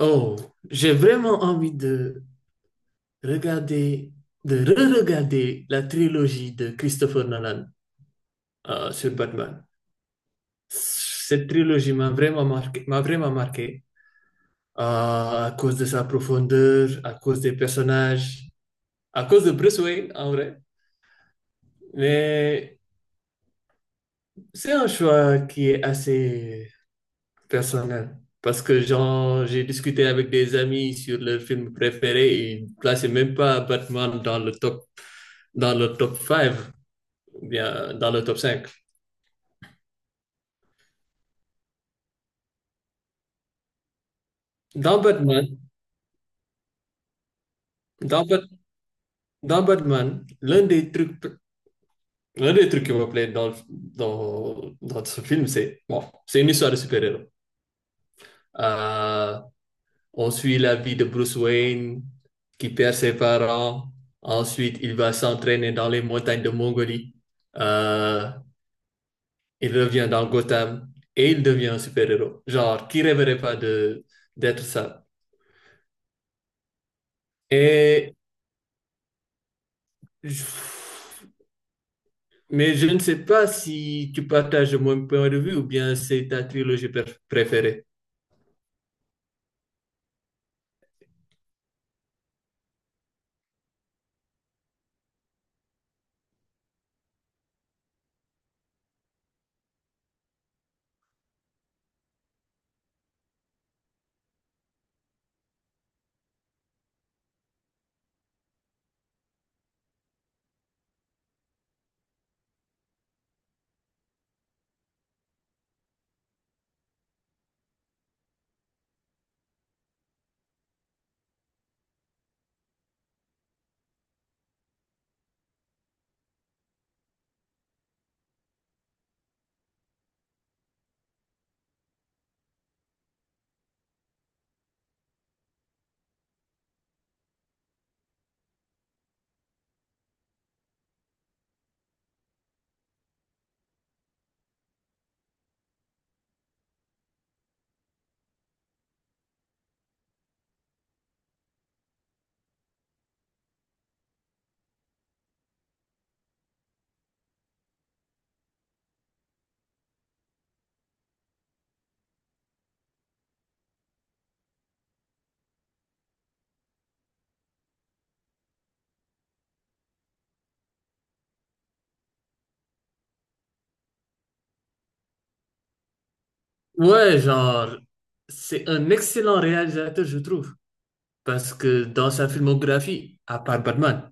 Oh, j'ai vraiment envie de regarder, de re-regarder la trilogie de Christopher Nolan sur Batman. Cette trilogie m'a vraiment marqué euh, à cause de sa profondeur, à cause des personnages, à cause de Bruce Wayne en vrai. Mais c'est un choix qui est assez personnel. Parce que genre, j'ai discuté avec des amis sur leur film préféré et ils ne plaçaient même pas Batman dans le top 5, ou bien dans le top cinq. Dans Batman, dans, Bat- dans Batman, l'un des trucs qui me plaît dans ce film, c'est bon, c'est une histoire de super-héros. Euh, on suit la vie de Bruce Wayne qui perd ses parents. Ensuite, il va s'entraîner dans les montagnes de Mongolie. Euh, il revient dans Gotham et il devient un super-héros. Genre, qui rêverait pas de d'être ça? Et je- mais je ne sais pas si tu partages mon point de vue ou bien c'est ta trilogie préférée. Ouais, genre, c'est un excellent réalisateur, je trouve. Parce que dans sa filmographie, à part Batman,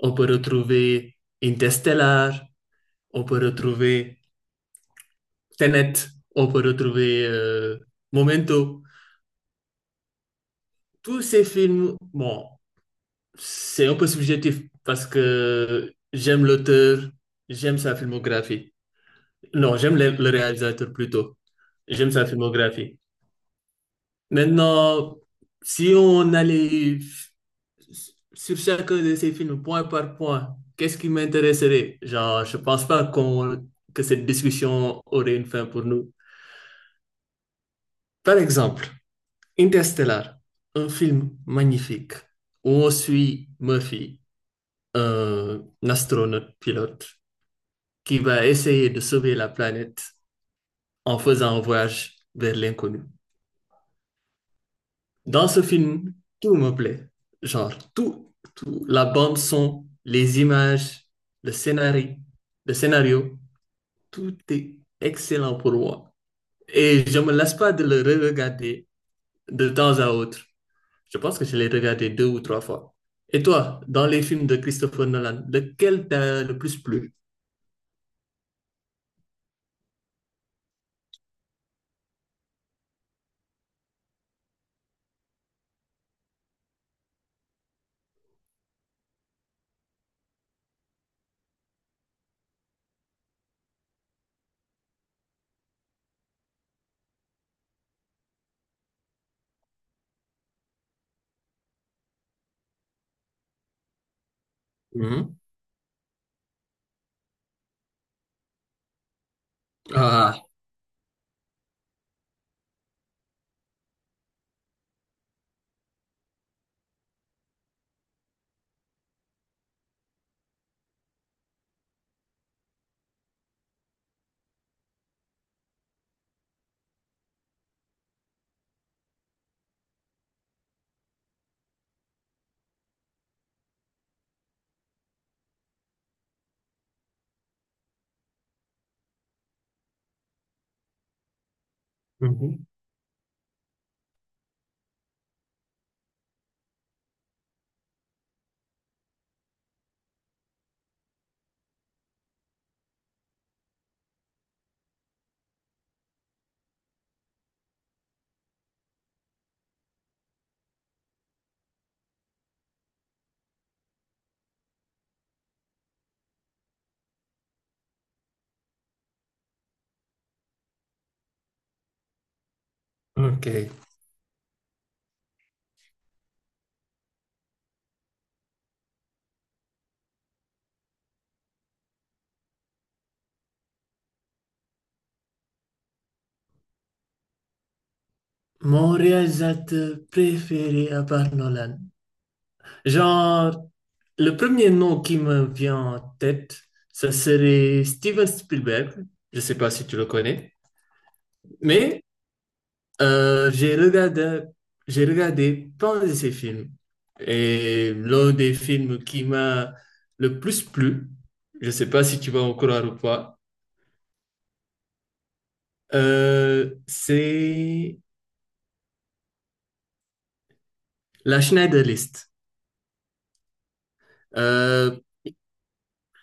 on peut retrouver Interstellar, on peut retrouver Tenet, on peut retrouver Momento. Tous ces films, bon, c'est un peu subjectif parce que j'aime l'auteur, j'aime sa filmographie. Non, j'aime le réalisateur plutôt. J'aime sa filmographie. Maintenant, si on allait sur chacun de ces films point par point, qu'est-ce qui m'intéresserait? Genre, je pense pas qu'on que cette discussion aurait une fin pour nous. Par exemple, Interstellar, un film magnifique où on suit Murphy, un astronaute pilote, qui va essayer de sauver la planète en faisant un voyage vers l'inconnu. Dans ce film, tout me plaît. Genre, tout, tout. La bande son, les images, le scénario, le scénario, tout est excellent pour moi. Et je me lasse pas de le re-regarder de temps à autre. Je pense que je l'ai regardé deux ou trois fois. Et toi, dans les films de Christopher Nolan, lequel t'a le plus plu? Mhm. Ah, mhm. Ok. Mon réalisateur préféré à part Nolan. Genre, le premier nom qui me vient en tête, ça serait Steven Spielberg. Je sais pas si tu le connais, mais euh, j'ai regardé, j'ai regardé plein de ses films. Et l'un des films qui m'a le plus plu, je sais pas si tu vas en croire ou pas, c'est La Schneider List. Euh,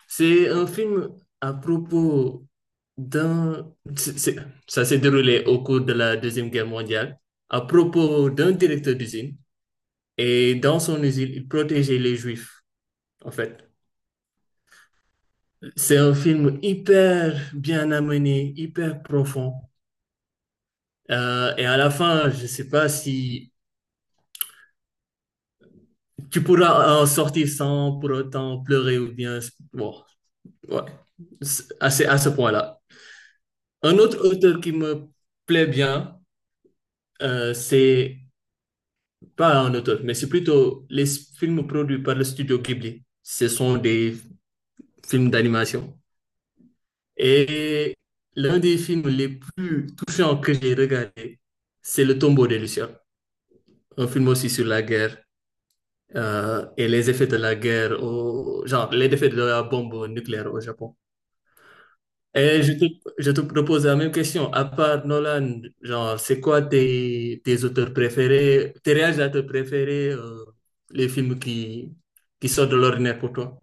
C'est un film. À propos d'un... c'est- Ça s'est déroulé au cours de la Deuxième Guerre mondiale, à propos d'un directeur d'usine. Et dans son usine, il protégeait les Juifs, en fait. C'est un film hyper bien amené, hyper profond. Et à la fin, je ne sais pas si tu pourras en sortir sans pour autant pleurer ou bien. Bon, ouais, à ce point-là. Un autre auteur qui me plaît bien, c'est pas un auteur, mais c'est plutôt les films produits par le studio Ghibli. Ce sont des films d'animation. Et l'un des films les plus touchants que j'ai regardé, c'est Le tombeau des Lucioles, un film aussi sur la guerre et les effets de la guerre, genre les effets de la bombe nucléaire au Japon. Et je te propose la même question. À part Nolan, genre, c'est quoi tes, auteurs préférés, tes réalisateurs préférés, les films qui sortent de l'ordinaire pour toi?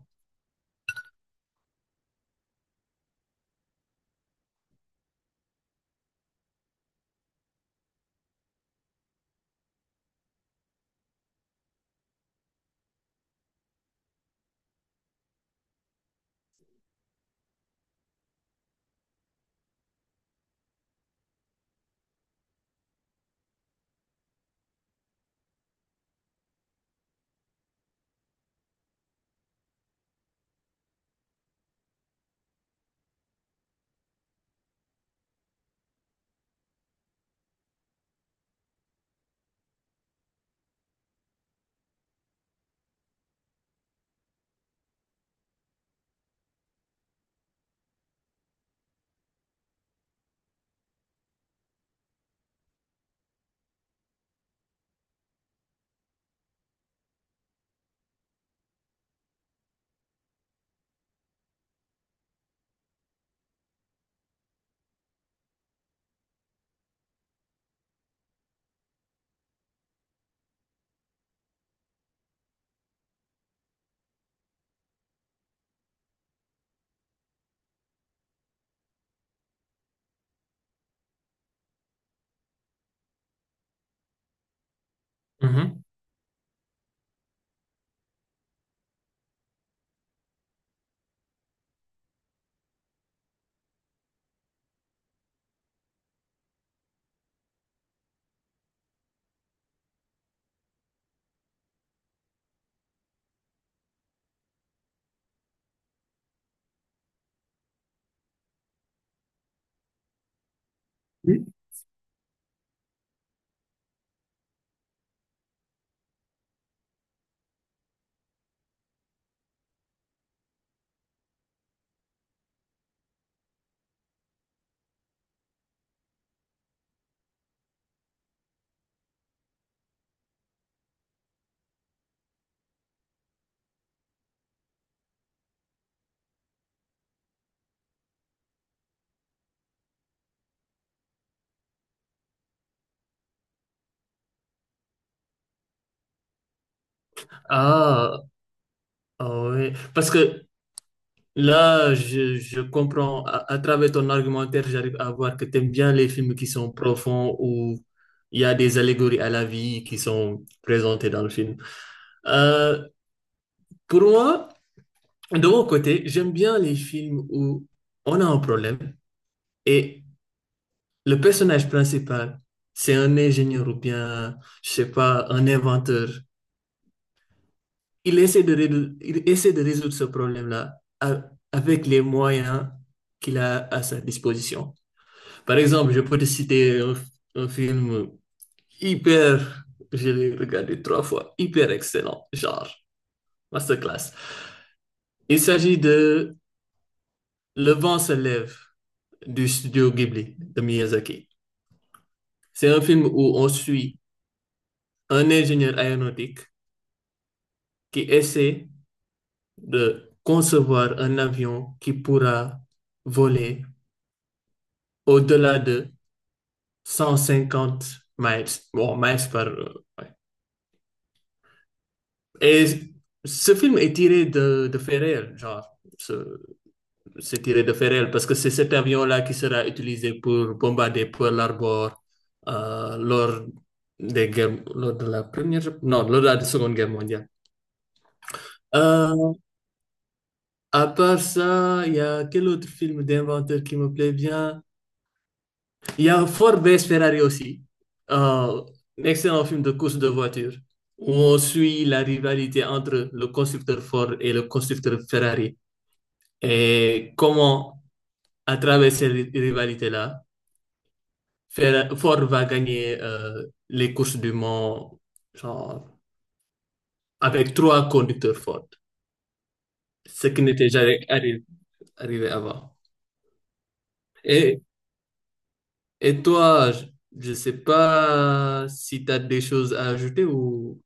Mhm. Oui. Ah, ah ouais. Parce que là, je comprends, à travers ton argumentaire, j'arrive à voir que tu aimes bien les films qui sont profonds, où il y a des allégories à la vie qui sont présentées dans le film. Euh, pour moi, De mon côté, j'aime bien les films où on a un problème et le personnage principal, c'est un ingénieur ou bien, je sais pas, un inventeur. Il essaie de résoudre ce problème-là avec les moyens qu'il a à sa disposition. Par exemple, je peux te citer un film hyper, je l'ai regardé trois fois, hyper excellent, genre masterclass. Il s'agit de Le vent se lève, du studio Ghibli de Miyazaki. C'est un film où on suit un ingénieur aéronautique qui essaie de concevoir un avion qui pourra voler au-delà de 150 miles, bon, miles par, ouais. Et ce film est tiré de faits réels, genre, ce- c'est tiré de Ferrel parce que c'est cet avion-là qui sera utilisé pour bombarder Pearl Harbor lors des guerres, lors de la première, non, lors de la Seconde Guerre mondiale. Euh, à part ça, il y a quel autre film d'inventeur qui me plaît bien? Il y a Ford vs Ferrari aussi, Euh, un excellent film de course de voiture où on suit la rivalité entre le constructeur Ford et le constructeur Ferrari et comment, à travers ces rivalités-là, Ford va gagner les courses du Mans genre, avec trois conducteurs Ford, ce qui n'était jamais arrivé avant. Et, et toi, je ne sais pas si tu as des choses à ajouter ou.